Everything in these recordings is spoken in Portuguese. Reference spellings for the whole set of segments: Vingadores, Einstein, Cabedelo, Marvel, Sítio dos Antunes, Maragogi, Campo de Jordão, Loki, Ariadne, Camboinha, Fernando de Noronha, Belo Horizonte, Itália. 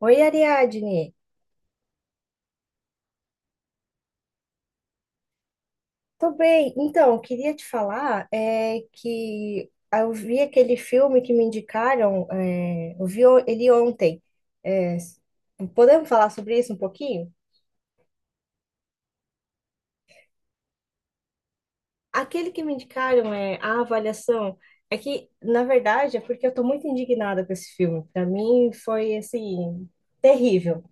Oi, Ariadne. Tô bem. Então, eu queria te falar que eu vi aquele filme que me indicaram, eu vi ele ontem. É, Podemos falar sobre isso um pouquinho? Aquele que me indicaram é a avaliação. É que, na verdade, é porque eu tô muito indignada com esse filme. Para mim foi assim terrível.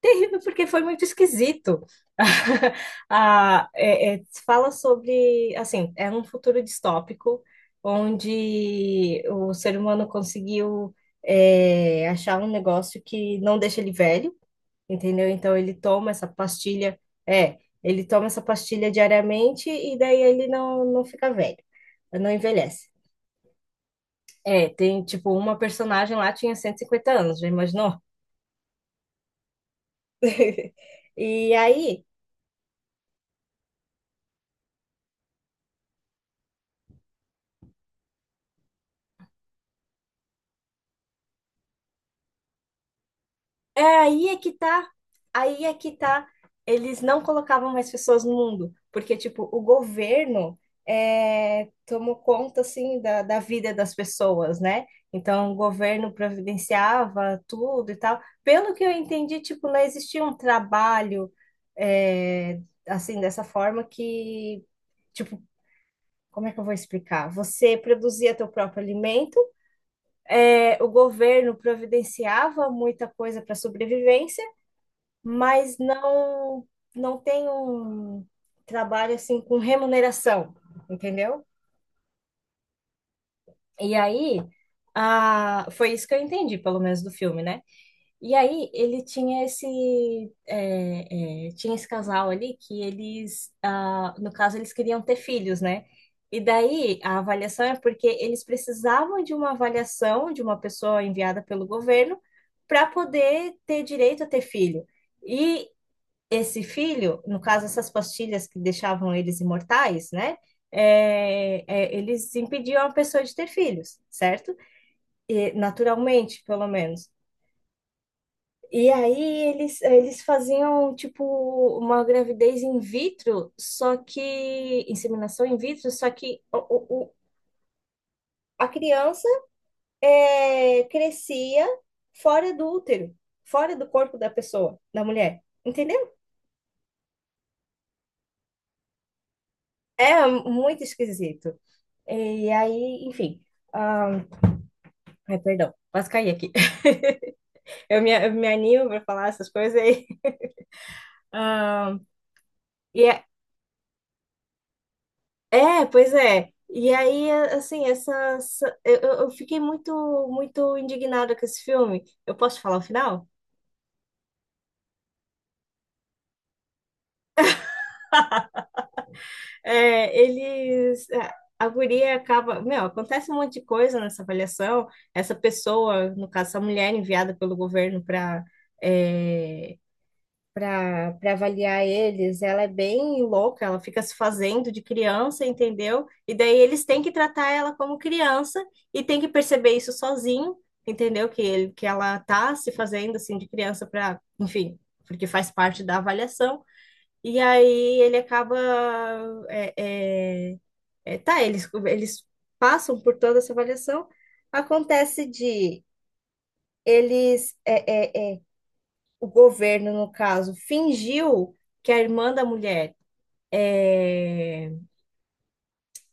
Terrível porque foi muito esquisito. Ah, fala sobre, assim, é um futuro distópico onde o ser humano conseguiu achar um negócio que não deixa ele velho, entendeu? Então ele toma essa pastilha diariamente e daí ele não fica velho, não envelhece. Tem tipo uma personagem lá tinha 150 anos, já imaginou? E aí é que tá, aí é que tá. Eles não colocavam mais pessoas no mundo, porque, tipo, o governo tomou conta, assim, da vida das pessoas, né? Então, o governo providenciava tudo e tal. Pelo que eu entendi, tipo, não existia um trabalho, é, assim, dessa forma que, tipo, como é que eu vou explicar? Você produzia teu próprio alimento, o governo providenciava muita coisa para sobrevivência, mas não tem um trabalho assim com remuneração, entendeu? E aí, ah, foi isso que eu entendi, pelo menos do filme, né? E aí ele tinha esse casal ali que eles, ah, no caso, eles queriam ter filhos, né? E daí a avaliação é porque eles precisavam de uma avaliação de uma pessoa enviada pelo governo para poder ter direito a ter filho. E esse filho, no caso, essas pastilhas que deixavam eles imortais, né? Eles impediam a pessoa de ter filhos, certo? E, naturalmente, pelo menos. E aí eles faziam tipo uma gravidez in vitro, só que inseminação in vitro, só que o- o- a criança crescia fora do útero, fora do corpo da pessoa, da mulher. Entendeu? É muito esquisito. E aí, enfim. Ah, ai, perdão, quase caí aqui. Eu me animo pra falar essas coisas aí. Ah, e pois é. E aí, assim, eu fiquei muito, muito indignada com esse filme. Eu posso falar o final? É, eles. é, A guria acaba. Meu, acontece um monte de coisa nessa avaliação. Essa pessoa, no caso, essa mulher enviada pelo governo para avaliar eles. Ela é bem louca, ela fica se fazendo de criança, entendeu? E daí eles têm que tratar ela como criança e têm que perceber isso sozinho, entendeu? Que ele, que ela tá se fazendo assim de criança para, enfim, porque faz parte da avaliação. E aí ele acaba. é, é, eles passam por toda essa avaliação. Acontece de eles é, é, é, o governo, no caso, fingiu que a irmã da mulher é,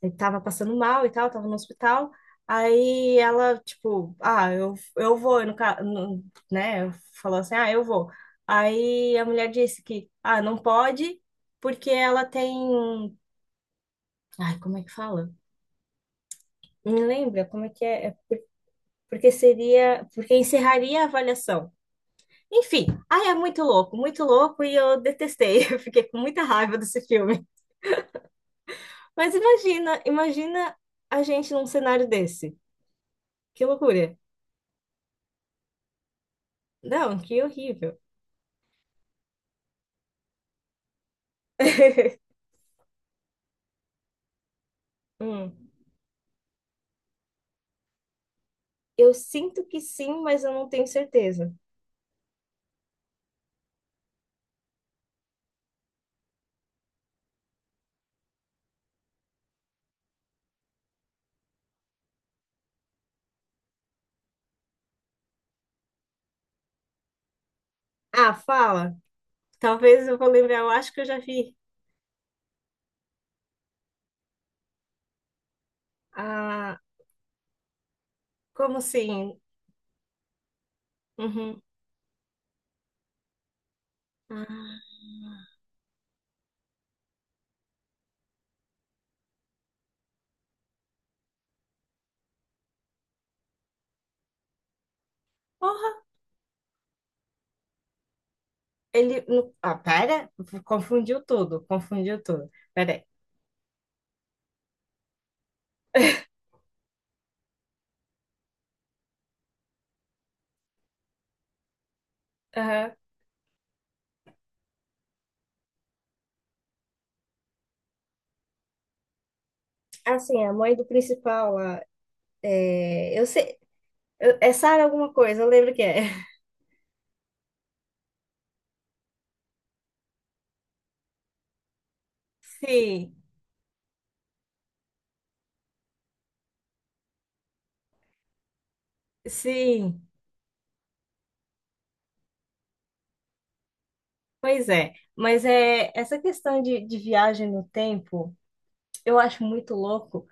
estava passando mal e tal, estava no hospital. Aí ela, tipo, ah, eu vou, no, ca- no, né? Falou assim, ah, eu vou. Aí a mulher disse que, ah, não pode, porque ela tem um. Ai, como é que fala? Me lembra como é que é? Porque seria. Porque encerraria a avaliação. Enfim, ai, é muito louco, e eu detestei. Eu fiquei com muita raiva desse filme. Mas imagina, imagina a gente num cenário desse. Que loucura. Não, que horrível. Hum. Eu sinto que sim, mas eu não tenho certeza. Ah, fala. Talvez eu vou lembrar, eu acho que eu já vi. Ah, como assim? Uhum. Ah, porra. Ele. Não- Ah, pera. Confundiu tudo, confundiu tudo. Pera aí. Aham. Assim, a mãe do principal lá. Eu sei. É Sarah alguma coisa, eu lembro que é. Sim, sim. Pois é, mas é essa questão de, viagem no tempo, eu acho muito louco,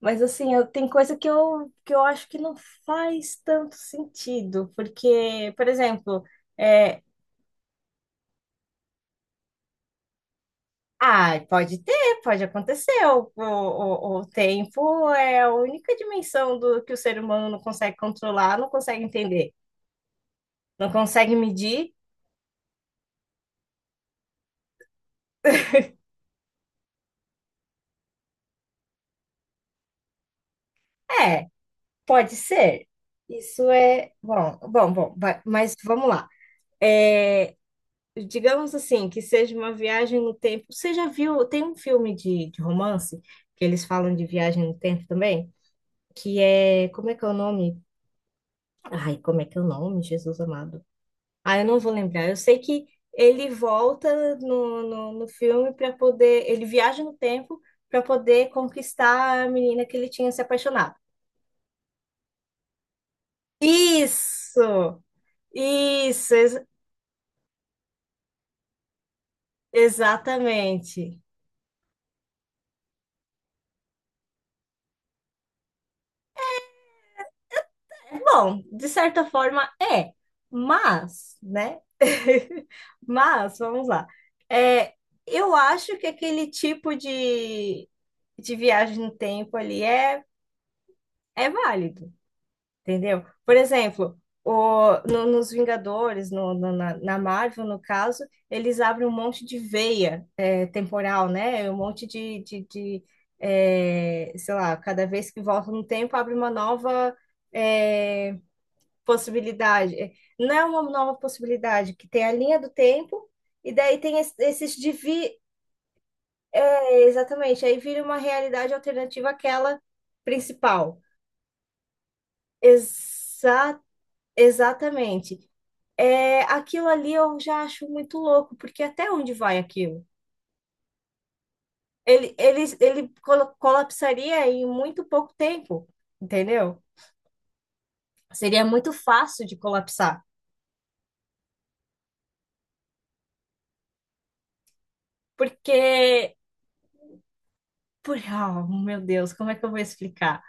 mas assim, tem coisa que eu acho que não faz tanto sentido, porque, por exemplo, é, pode ter, pode acontecer, o tempo é a única dimensão do que o ser humano não consegue controlar, não consegue entender, não consegue medir, é, pode ser, isso é, bom, bom, bom, mas vamos lá. É, Digamos assim, que seja uma viagem no tempo. Você já viu? Tem um filme de romance que eles falam de viagem no tempo também, que é, como é que é o nome? Ai, como é que é o nome, Jesus amado? Ah, eu não vou lembrar. Eu sei que ele volta no filme para poder, ele viaja no tempo para poder conquistar a menina que ele tinha se apaixonado. Isso! Isso, exatamente. Bom, de certa forma é, mas, né? Mas, vamos lá. É, eu acho que aquele tipo de viagem no tempo ali é, é válido, entendeu? Por exemplo, o, no- nos Vingadores, na Marvel, no caso, eles abrem um monte de veia temporal, né? Um monte sei lá, cada vez que volta no tempo, abre uma nova. é, Possibilidade. Não é uma nova possibilidade, que tem a linha do tempo e daí tem esses divi... É, exatamente, aí vira uma realidade alternativa àquela principal. Exa... Exatamente. É, aquilo ali eu já acho muito louco, porque até onde vai aquilo? Ele colapsaria em muito pouco tempo, entendeu? Seria muito fácil de colapsar, porque... Ah, meu Deus, como é que eu vou explicar?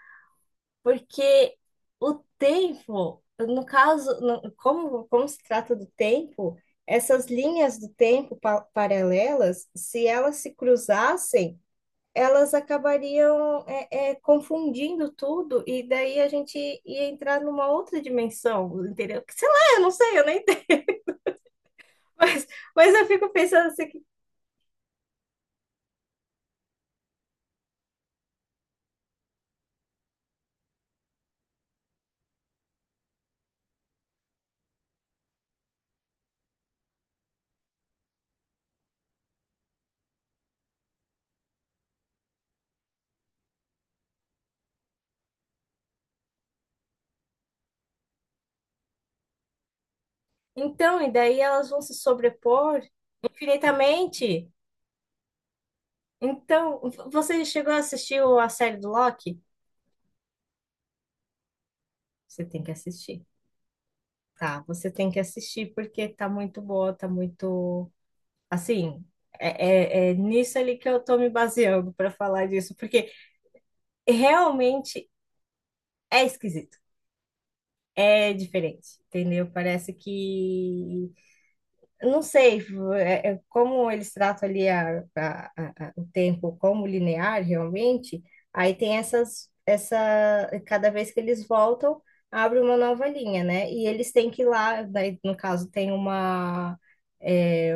Porque o tempo, no caso, como se trata do tempo, essas linhas do tempo paralelas, se elas se cruzassem, elas acabariam confundindo tudo, e daí a gente ia entrar numa outra dimensão, entendeu? Que sei lá, eu não sei, eu nem entendo, mas, mas eu fico pensando assim, que então, e daí elas vão se sobrepor infinitamente. Então, você chegou a assistir a série do Loki? Você tem que assistir. Tá, você tem que assistir porque tá muito boa, tá muito. Assim, nisso ali que eu tô me baseando para falar disso, porque realmente é esquisito, é diferente, entendeu? Parece que eu não sei é como eles tratam ali o tempo como linear realmente, aí tem cada vez que eles voltam, abre uma nova linha, né? E eles têm que ir lá, daí, no caso, tem uma, é,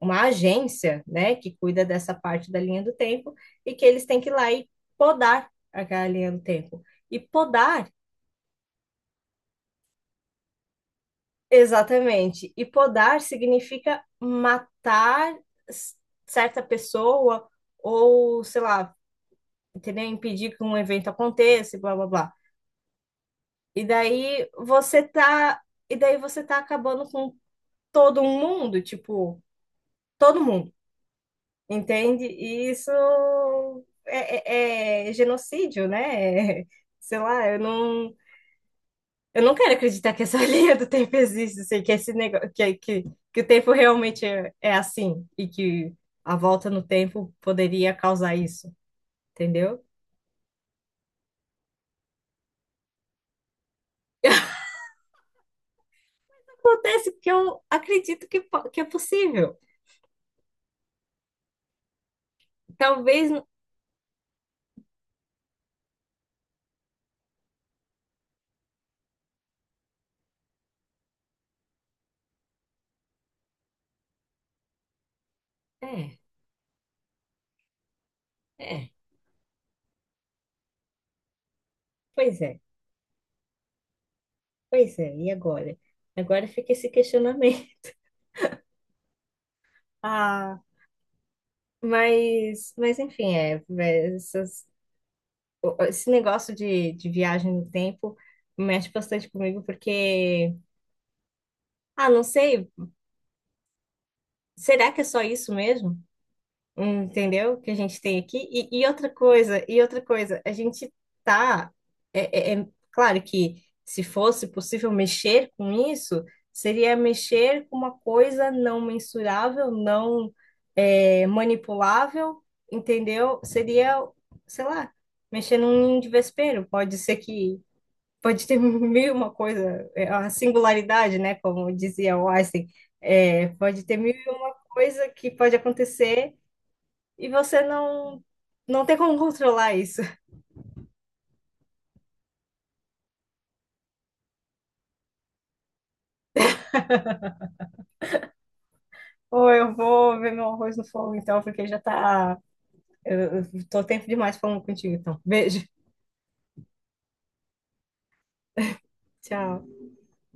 uma agência, né, que cuida dessa parte da linha do tempo, e que eles têm que ir lá e podar aquela linha do tempo. E podar exatamente. E podar significa matar s- certa pessoa ou, sei lá, entendeu? Impedir que um evento aconteça, e blá blá blá. E daí você tá, e daí você tá acabando com todo mundo, tipo, todo mundo, entende? E isso é genocídio, né? Sei lá, eu não. Eu não quero acreditar que essa linha do tempo existe, assim, que esse negócio, que o tempo realmente é assim e que a volta no tempo poderia causar isso, entendeu? Acontece que eu acredito que, que é possível. Talvez. É, é. Pois é, pois é. E agora? Agora fica esse questionamento. Ah, mas enfim, esse negócio de, viagem no tempo mexe bastante comigo porque, ah, não sei. Será que é só isso mesmo? Hum. Entendeu? Que a gente tem aqui. E outra coisa, e outra coisa, a gente tá. É claro que se fosse possível mexer com isso, seria mexer com uma coisa não mensurável, não manipulável, entendeu? Seria, sei lá, mexer num ninho de vespeiro. Pode ser que pode ter mil e uma coisa, é, a singularidade, né? Como dizia o Einstein. É, pode ter mil coisa que pode acontecer e você não não tem como controlar isso. Ou eu vou ver meu arroz no fogo, então, porque já tá. Eu tô tempo demais falando contigo, então. Beijo. Tchau.